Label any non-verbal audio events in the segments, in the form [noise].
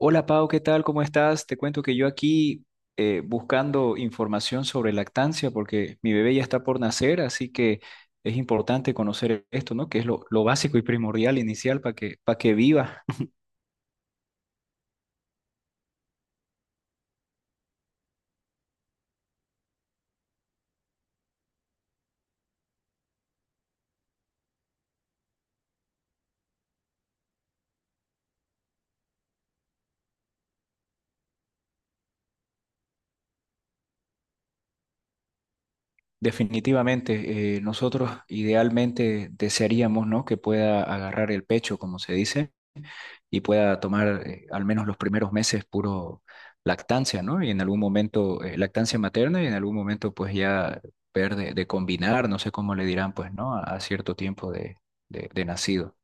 Hola Pau, ¿qué tal? ¿Cómo estás? Te cuento que yo aquí buscando información sobre lactancia porque mi bebé ya está por nacer, así que es importante conocer esto, ¿no? Que es lo básico y primordial inicial para para que viva. [laughs] Definitivamente, nosotros idealmente desearíamos, ¿no? Que pueda agarrar el pecho, como se dice, y pueda tomar al menos los primeros meses puro lactancia, ¿no? Y en algún momento, lactancia materna, y en algún momento pues ya ver de combinar, no sé cómo le dirán pues, ¿no? A cierto tiempo de nacido.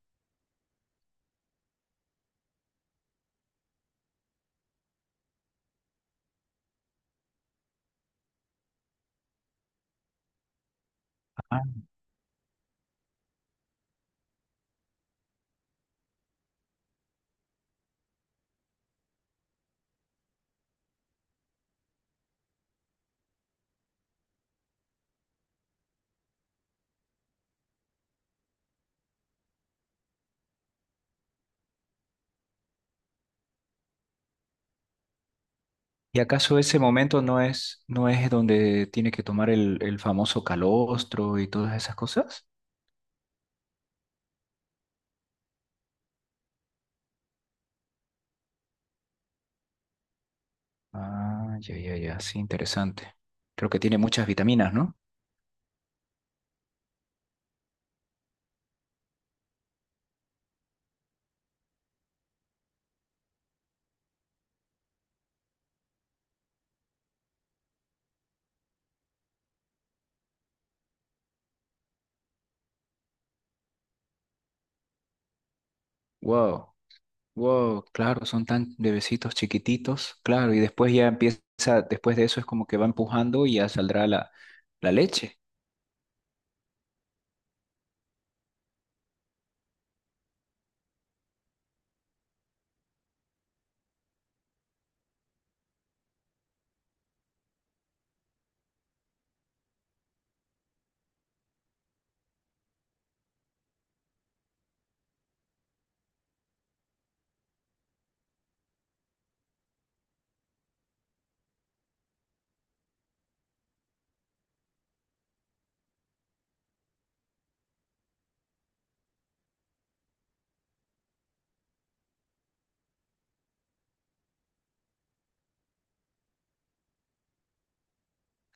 Ah. ¿Y acaso ese momento no es, no es donde tiene que tomar el famoso calostro y todas esas cosas? Ah, ya, ya, ya, sí, interesante. Creo que tiene muchas vitaminas, ¿no? Wow. Wow, claro, son tan bebecitos chiquititos, claro, y después ya empieza, después de eso es como que va empujando y ya saldrá la leche.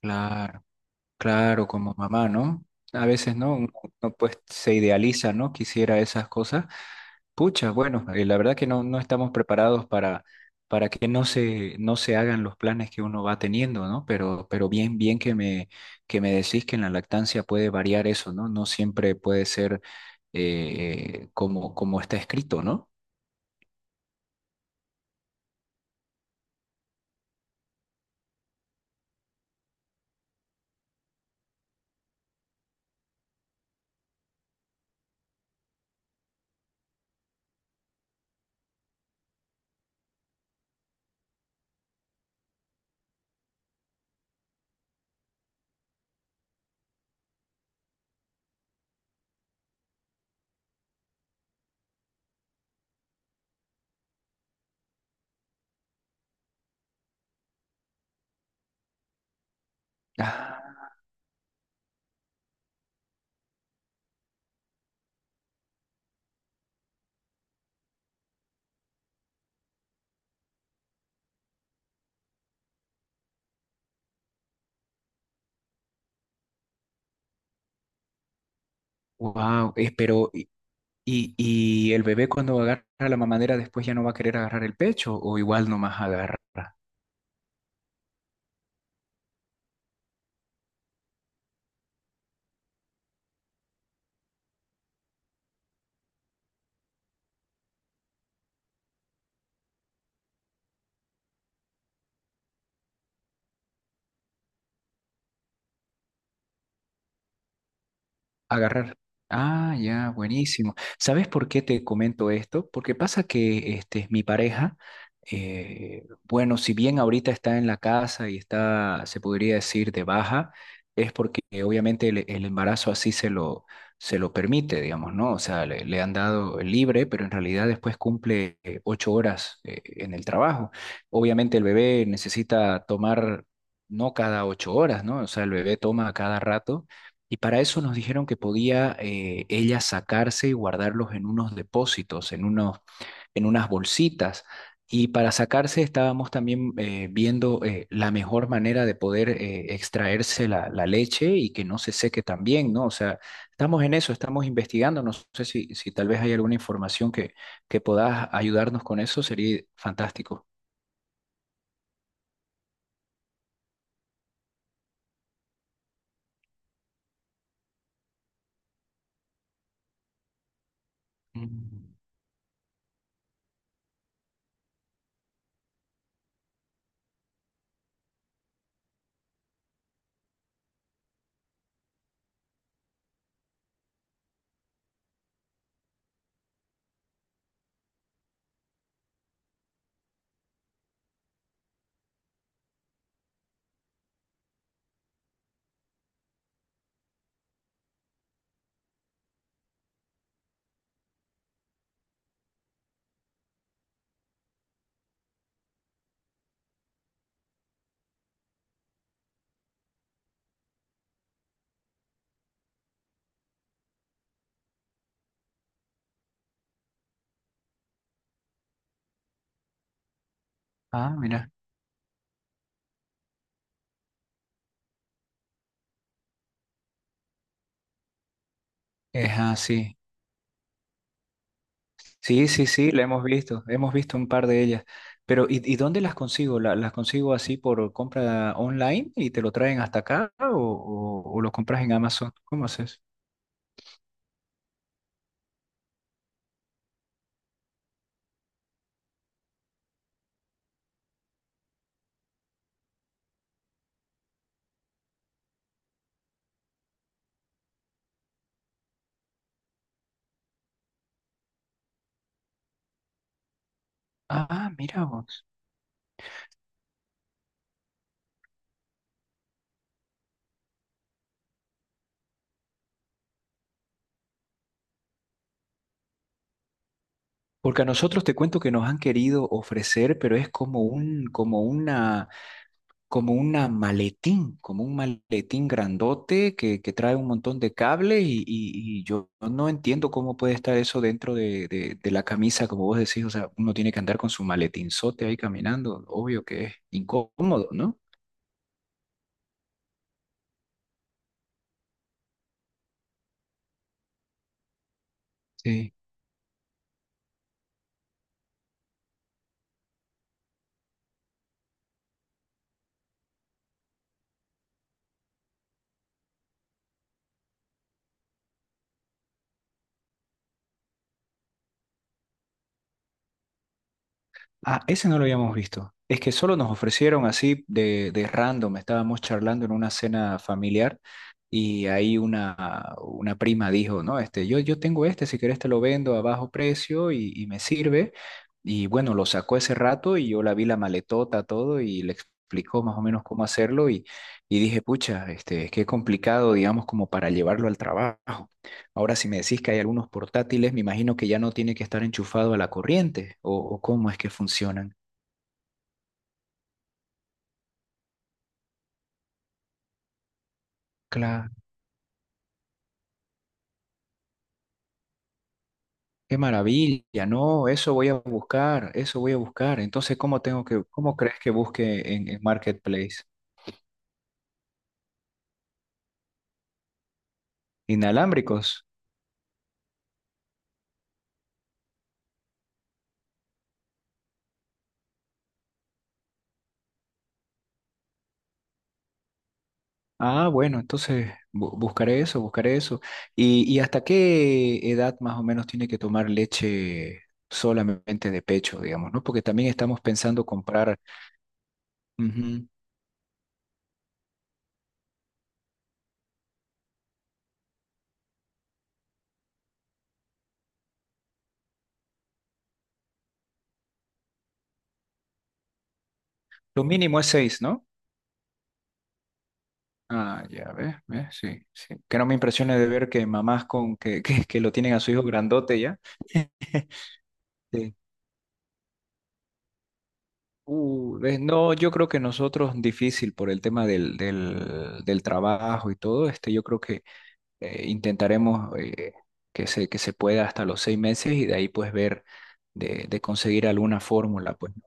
Claro, claro, como mamá, ¿no? A veces, ¿no? Uno pues se idealiza, ¿no? Quisiera esas cosas. Pucha, bueno, la verdad que no estamos preparados para que no se hagan los planes que uno va teniendo, ¿no? Pero bien, bien que que me decís que en la lactancia puede variar eso, ¿no? No siempre puede ser como, como está escrito, ¿no? Wow, pero y el bebé cuando agarra la mamadera después ya no va a querer agarrar el pecho, ¿o igual nomás agarra? Agarrar. Ah, ya, buenísimo. ¿Sabes por qué te comento esto? Porque pasa que este, mi pareja, bueno, si bien ahorita está en la casa y está, se podría decir, de baja, es porque obviamente el embarazo así se se lo permite, digamos, ¿no? O sea, le han dado libre, pero en realidad después cumple 8 horas en el trabajo. Obviamente el bebé necesita tomar, no cada 8 horas, ¿no? O sea, el bebé toma a cada rato, y para eso nos dijeron que podía ella sacarse y guardarlos en unos depósitos, en unos, en unas bolsitas. Y para sacarse estábamos también viendo la mejor manera de poder extraerse la leche y que no se seque también, ¿no? O sea, estamos en eso, estamos investigando. No sé si, si tal vez hay alguna información que puedas ayudarnos con eso, sería fantástico. Mm. Ah, mira, es así. Sí, sí, sí, la hemos visto un par de ellas. Pero, y dónde las consigo? ¿La- ¿Las consigo así por compra online y te lo traen hasta acá o lo compras en Amazon? ¿Cómo haces? Ah, mira vos. Porque a nosotros te cuento que nos han querido ofrecer, pero es como como una, como una maletín, como un maletín grandote que trae un montón de cable y, y yo no entiendo cómo puede estar eso dentro de la camisa, como vos decís, o sea, uno tiene que andar con su maletinzote ahí caminando, obvio que es incómodo, ¿no? Sí. Ah, ese no lo habíamos visto. Es que solo nos ofrecieron así de random. Estábamos charlando en una cena familiar y ahí una prima dijo, no, este, yo tengo este, si querés te lo vendo a bajo precio y me sirve. Y bueno, lo sacó ese rato y yo la vi la maletota, todo, y le explicó más o menos cómo hacerlo, y dije, pucha, este, qué complicado, digamos, como para llevarlo al trabajo. Ahora, si me decís que hay algunos portátiles, me imagino que ya no tiene que estar enchufado a la corriente, o cómo es que funcionan. Claro, qué maravilla, no, eso voy a buscar, eso voy a buscar. Entonces, ¿cómo tengo que, cómo crees que busque en Marketplace? Inalámbricos. Ah, bueno, entonces buscaré eso, buscaré eso. Y hasta qué edad más o menos tiene que tomar leche solamente de pecho, digamos, ¿no? Porque también estamos pensando comprar. Ujú. Lo mínimo es seis, ¿no? Ah, ya ves, ves, sí, sí. Que no me impresione de ver que mamás con que lo tienen a su hijo grandote ya. [laughs] Sí. Ves, no, yo creo que nosotros difícil por el tema del, del, del trabajo y todo, este, yo creo que intentaremos que se pueda hasta los 6 meses, y de ahí pues ver de conseguir alguna fórmula, pues, ¿no?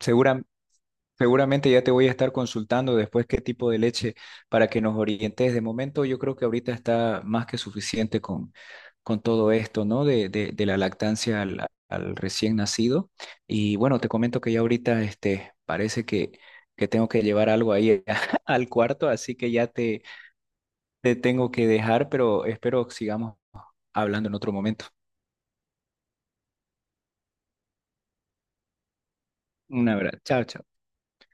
Segura- Seguramente ya te voy a estar consultando después qué tipo de leche para que nos orientes. De momento, yo creo que ahorita está más que suficiente con todo esto, ¿no? De la lactancia al recién nacido. Y bueno, te comento que ya ahorita este, parece que tengo que llevar algo ahí [laughs] al cuarto, así que ya te tengo que dejar, pero espero que sigamos hablando en otro momento. Un abrazo. Chao, chao.